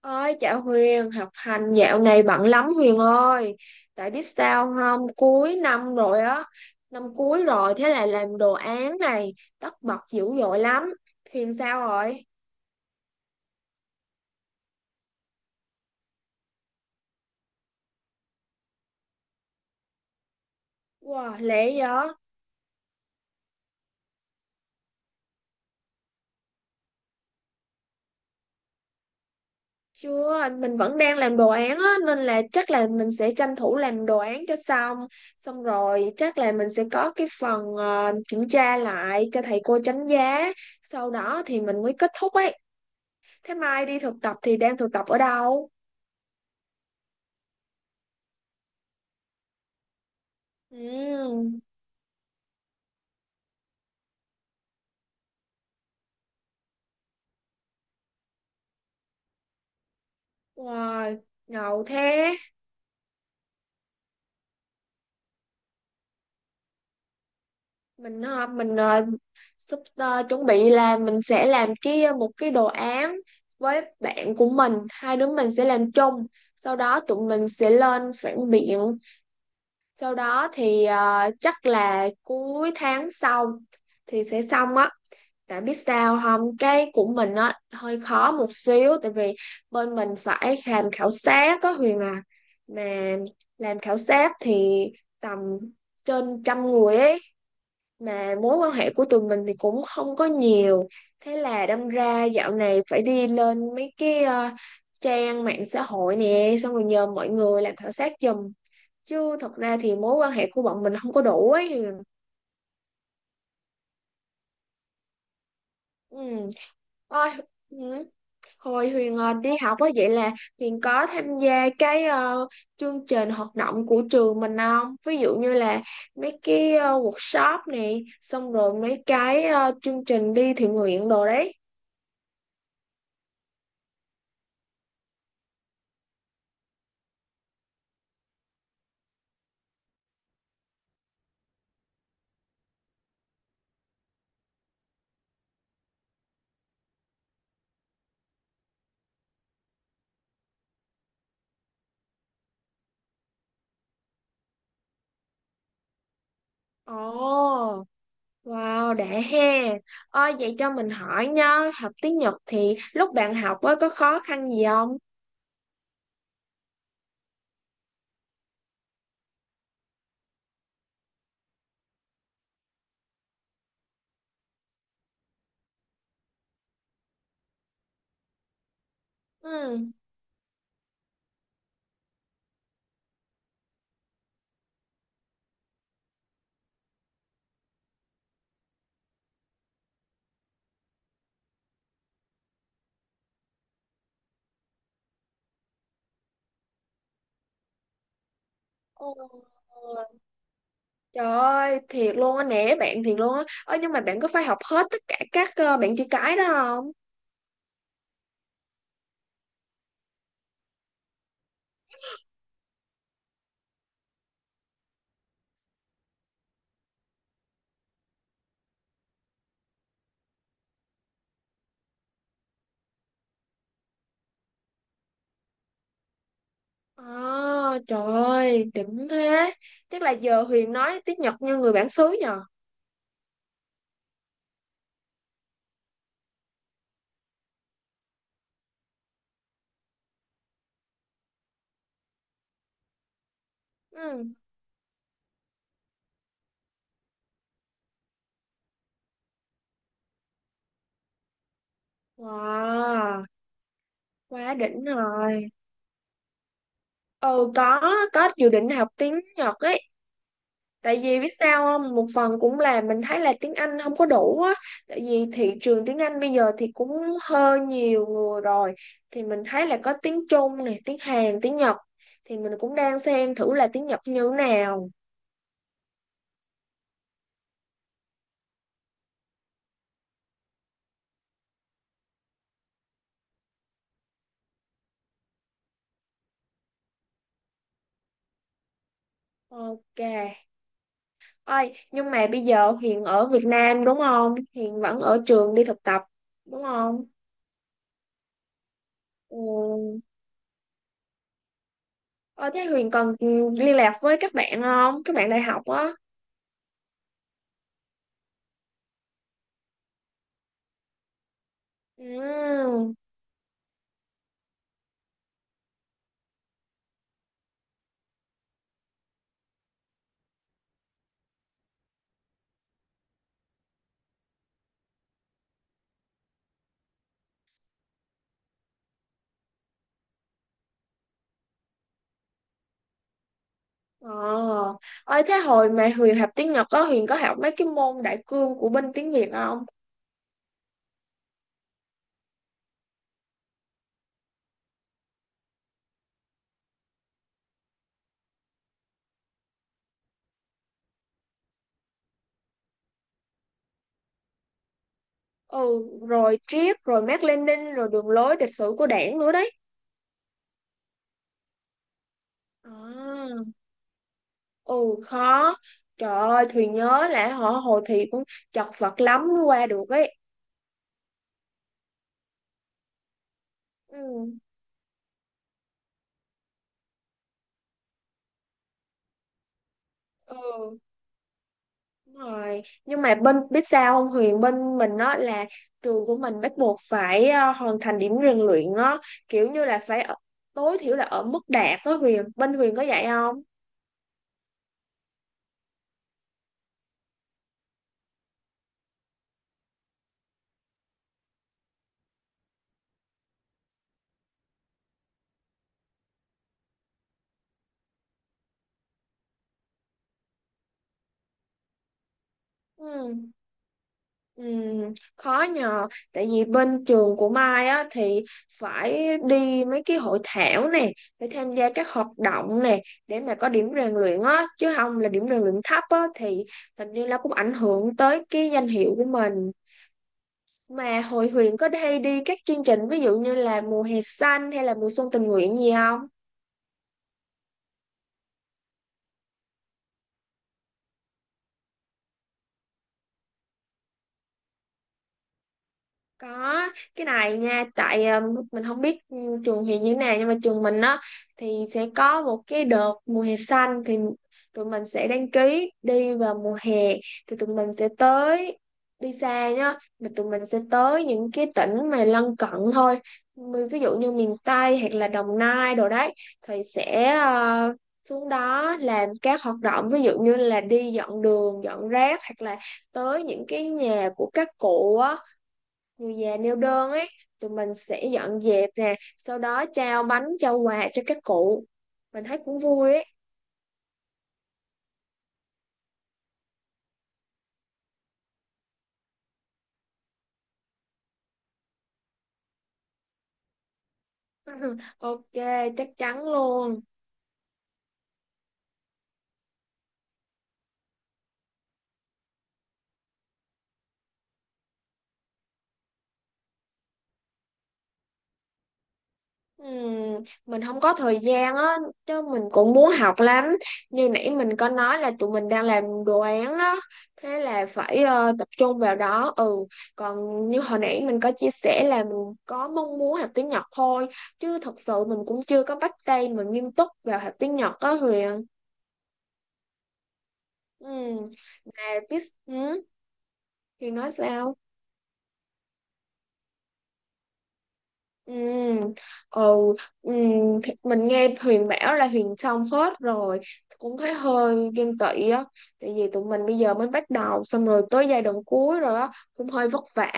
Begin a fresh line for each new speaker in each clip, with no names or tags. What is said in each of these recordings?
Ơi chào Huyền, học hành dạo này bận lắm Huyền ơi. Tại biết sao không, cuối năm rồi á, năm cuối rồi thế là làm đồ án này tất bật dữ dội lắm. Huyền sao rồi? Wow, lẹ vậy? Chưa, mình vẫn đang làm đồ án á nên là chắc là mình sẽ tranh thủ làm đồ án cho xong. Xong rồi chắc là mình sẽ có cái phần kiểm tra lại cho thầy cô đánh giá. Sau đó thì mình mới kết thúc ấy. Thế mai đi thực tập thì đang thực tập ở đâu? Ừ, wow, ngầu thế. Mình sắp chuẩn bị là mình sẽ làm một cái đồ án với bạn của mình, hai đứa mình sẽ làm chung. Sau đó tụi mình sẽ lên phản biện. Sau đó thì chắc là cuối tháng sau thì sẽ xong á. Tại biết sao không, cái của mình á hơi khó một xíu tại vì bên mình phải làm khảo sát á Huyền à. Mà làm khảo sát thì tầm trên trăm người ấy mà mối quan hệ của tụi mình thì cũng không có nhiều. Thế là đâm ra dạo này phải đi lên mấy trang mạng xã hội nè xong rồi nhờ mọi người làm khảo sát giùm. Chứ thật ra thì mối quan hệ của bọn mình không có đủ ấy. Ừ. Ôi, ừ. Hồi Huyền đi học á vậy là Huyền có tham gia chương trình hoạt động của trường mình không? Ví dụ như là mấy workshop này, xong rồi mấy chương trình đi thiện nguyện đồ đấy. Ồ, wow, đã ha. Ôi, vậy cho mình hỏi nha, học tiếng Nhật thì lúc bạn học á có khó khăn gì không? Ừ. Ồ. Trời ơi, thiệt luôn á, nể bạn thiệt luôn á. Ơ nhưng mà bạn có phải học hết tất cả các bạn chữ cái đó không? À, trời ơi, đỉnh thế. Chắc là giờ Huyền nói tiếng Nhật như người bản xứ nhờ. Ừ. Wow, quá đỉnh rồi. Ừ, có dự định học tiếng Nhật ấy. Tại vì biết sao không? Một phần cũng là mình thấy là tiếng Anh không có đủ á. Tại vì thị trường tiếng Anh bây giờ thì cũng hơi nhiều người rồi. Thì mình thấy là có tiếng Trung này, tiếng Hàn, tiếng Nhật. Thì mình cũng đang xem thử là tiếng Nhật như thế nào. Ok. Ôi, nhưng mà bây giờ Hiền ở Việt Nam đúng không? Hiền vẫn ở trường đi thực tập đúng không? Ừ. Ờ, thế Huyền còn liên lạc với các bạn không? Các bạn đại học á. Ừ. Ờ, ơi thế hồi mà Huyền học tiếng Nhật Huyền có học mấy cái môn đại cương của bên tiếng Việt không? Ừ, rồi triết, rồi Mác Lênin, rồi đường lối lịch sử của Đảng nữa đấy. À, ừ khó. Trời ơi, Thùy nhớ là họ hồi thì cũng chật vật lắm mới qua được ấy. Ừ, ừ, đúng rồi. Nhưng mà bên biết sao không Huyền bên mình đó là trường của mình bắt buộc phải hoàn thành điểm rèn luyện á, kiểu như là tối thiểu là ở mức đạt đó Huyền. Bên Huyền có dạy không? Ừ, ừ, khó nhờ tại vì bên trường của Mai á thì phải đi mấy cái hội thảo nè phải tham gia các hoạt động nè để mà có điểm rèn luyện á chứ không là điểm rèn luyện thấp á thì hình như là cũng ảnh hưởng tới cái danh hiệu của mình mà hội Huyền có hay đi các chương trình ví dụ như là mùa hè xanh hay là mùa xuân tình nguyện gì không? Có cái này nha tại mình không biết trường hiện như thế nào nhưng mà trường mình á thì sẽ có một cái đợt mùa hè xanh thì tụi mình sẽ đăng ký đi vào mùa hè thì tụi mình sẽ tới đi xa nhá mà tụi mình sẽ tới những cái tỉnh mà lân cận thôi. Ví dụ như miền Tây hoặc là Đồng Nai đồ đấy thì sẽ xuống đó làm các hoạt động ví dụ như là đi dọn đường dọn rác hoặc là tới những cái nhà của các cụ á người già neo đơn ấy tụi mình sẽ dọn dẹp nè sau đó trao bánh trao quà cho các cụ mình thấy cũng vui ấy. Ok, chắc chắn luôn. Mình không có thời gian á chứ mình cũng muốn học lắm như nãy mình có nói là tụi mình đang làm đồ án đó thế là phải tập trung vào đó, ừ, còn như hồi nãy mình có chia sẻ là mình có mong muốn học tiếng Nhật thôi chứ thật sự mình cũng chưa có bắt tay mà nghiêm túc vào học tiếng Nhật á Huyền. Ừ. Therapist. Ừ, Huyền nói sao? Ừ, ừ, ừ, thì mình nghe Huyền bảo là Huyền xong hết rồi cũng thấy hơi ghen tị á tại vì tụi mình bây giờ mới bắt đầu xong rồi tới giai đoạn cuối rồi á cũng hơi vất vả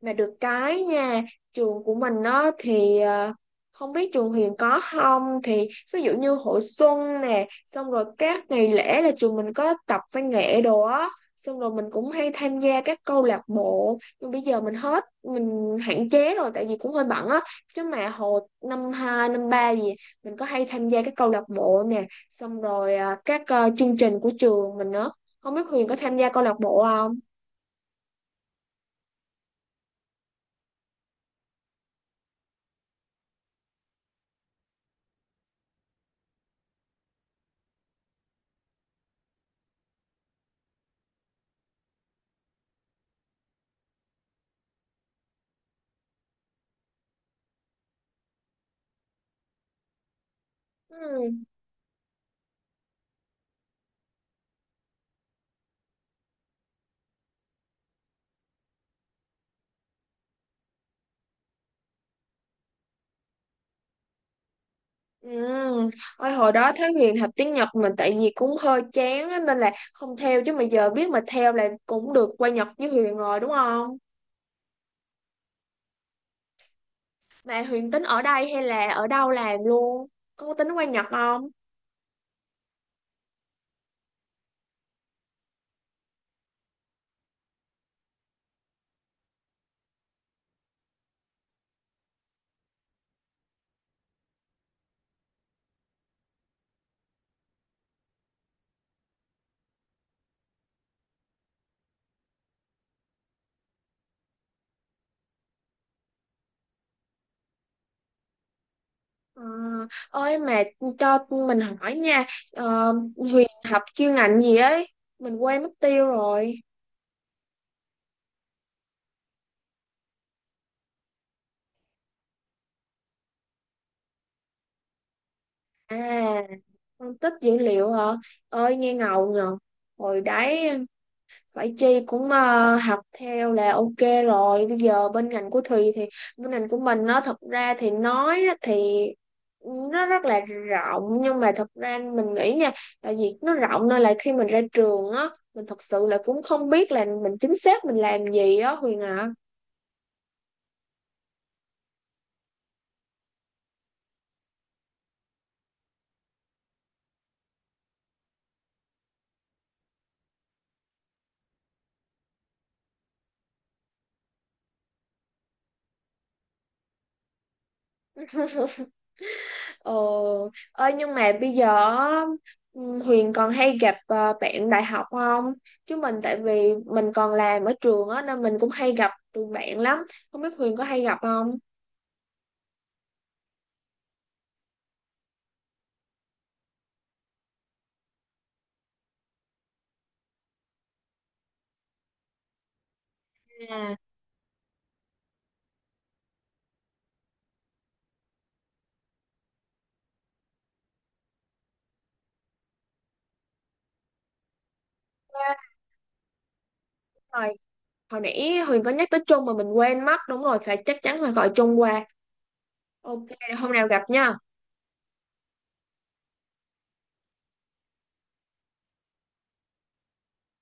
mà được cái nha trường của mình á thì không biết trường Huyền có không thì ví dụ như hội xuân nè xong rồi các ngày lễ là trường mình có tập văn nghệ đồ á xong rồi mình cũng hay tham gia các câu lạc bộ. Nhưng bây giờ mình hết mình hạn chế rồi tại vì cũng hơi bận á chứ mà hồi năm 2 năm 3 gì mình có hay tham gia các câu lạc bộ nè xong rồi à, các chương trình của trường mình nữa. Không biết Huyền có tham gia câu lạc bộ không? Ừ. Ừ. Ôi, hồi đó thấy Huyền học tiếng Nhật mình tại vì cũng hơi chán á, nên là không theo chứ mà giờ biết mà theo là cũng được qua Nhật với Huyền rồi đúng không? Mà Huyền tính ở đây hay là ở đâu làm luôn, có tính qua Nhật không? Ờ, Ơi mà cho mình hỏi nha, Huyền học chuyên ngành gì ấy mình quên mất tiêu rồi. À, phân tích dữ liệu hả, ơi nghe ngầu nhờ. Hồi đấy vậy Chi cũng học theo là ok rồi. Bây giờ bên ngành của Thùy thì bên ngành của mình nó thật ra thì nói á thì nó rất là rộng nhưng mà thật ra mình nghĩ nha tại vì nó rộng nên là khi mình ra trường á mình thật sự là cũng không biết là mình chính xác mình làm gì á Huyền ạ. Ờ, Ơi nhưng mà bây giờ á, Huyền còn hay gặp bạn đại học không? Chứ mình tại vì mình còn làm ở trường á nên mình cũng hay gặp tụi bạn lắm. Không biết Huyền có hay gặp không? À, À, Hồi, hồi nãy Huyền có nhắc tới Trung mà mình quên mất. Đúng rồi, phải chắc chắn phải gọi Trung qua. Ok, hôm nào gặp nha.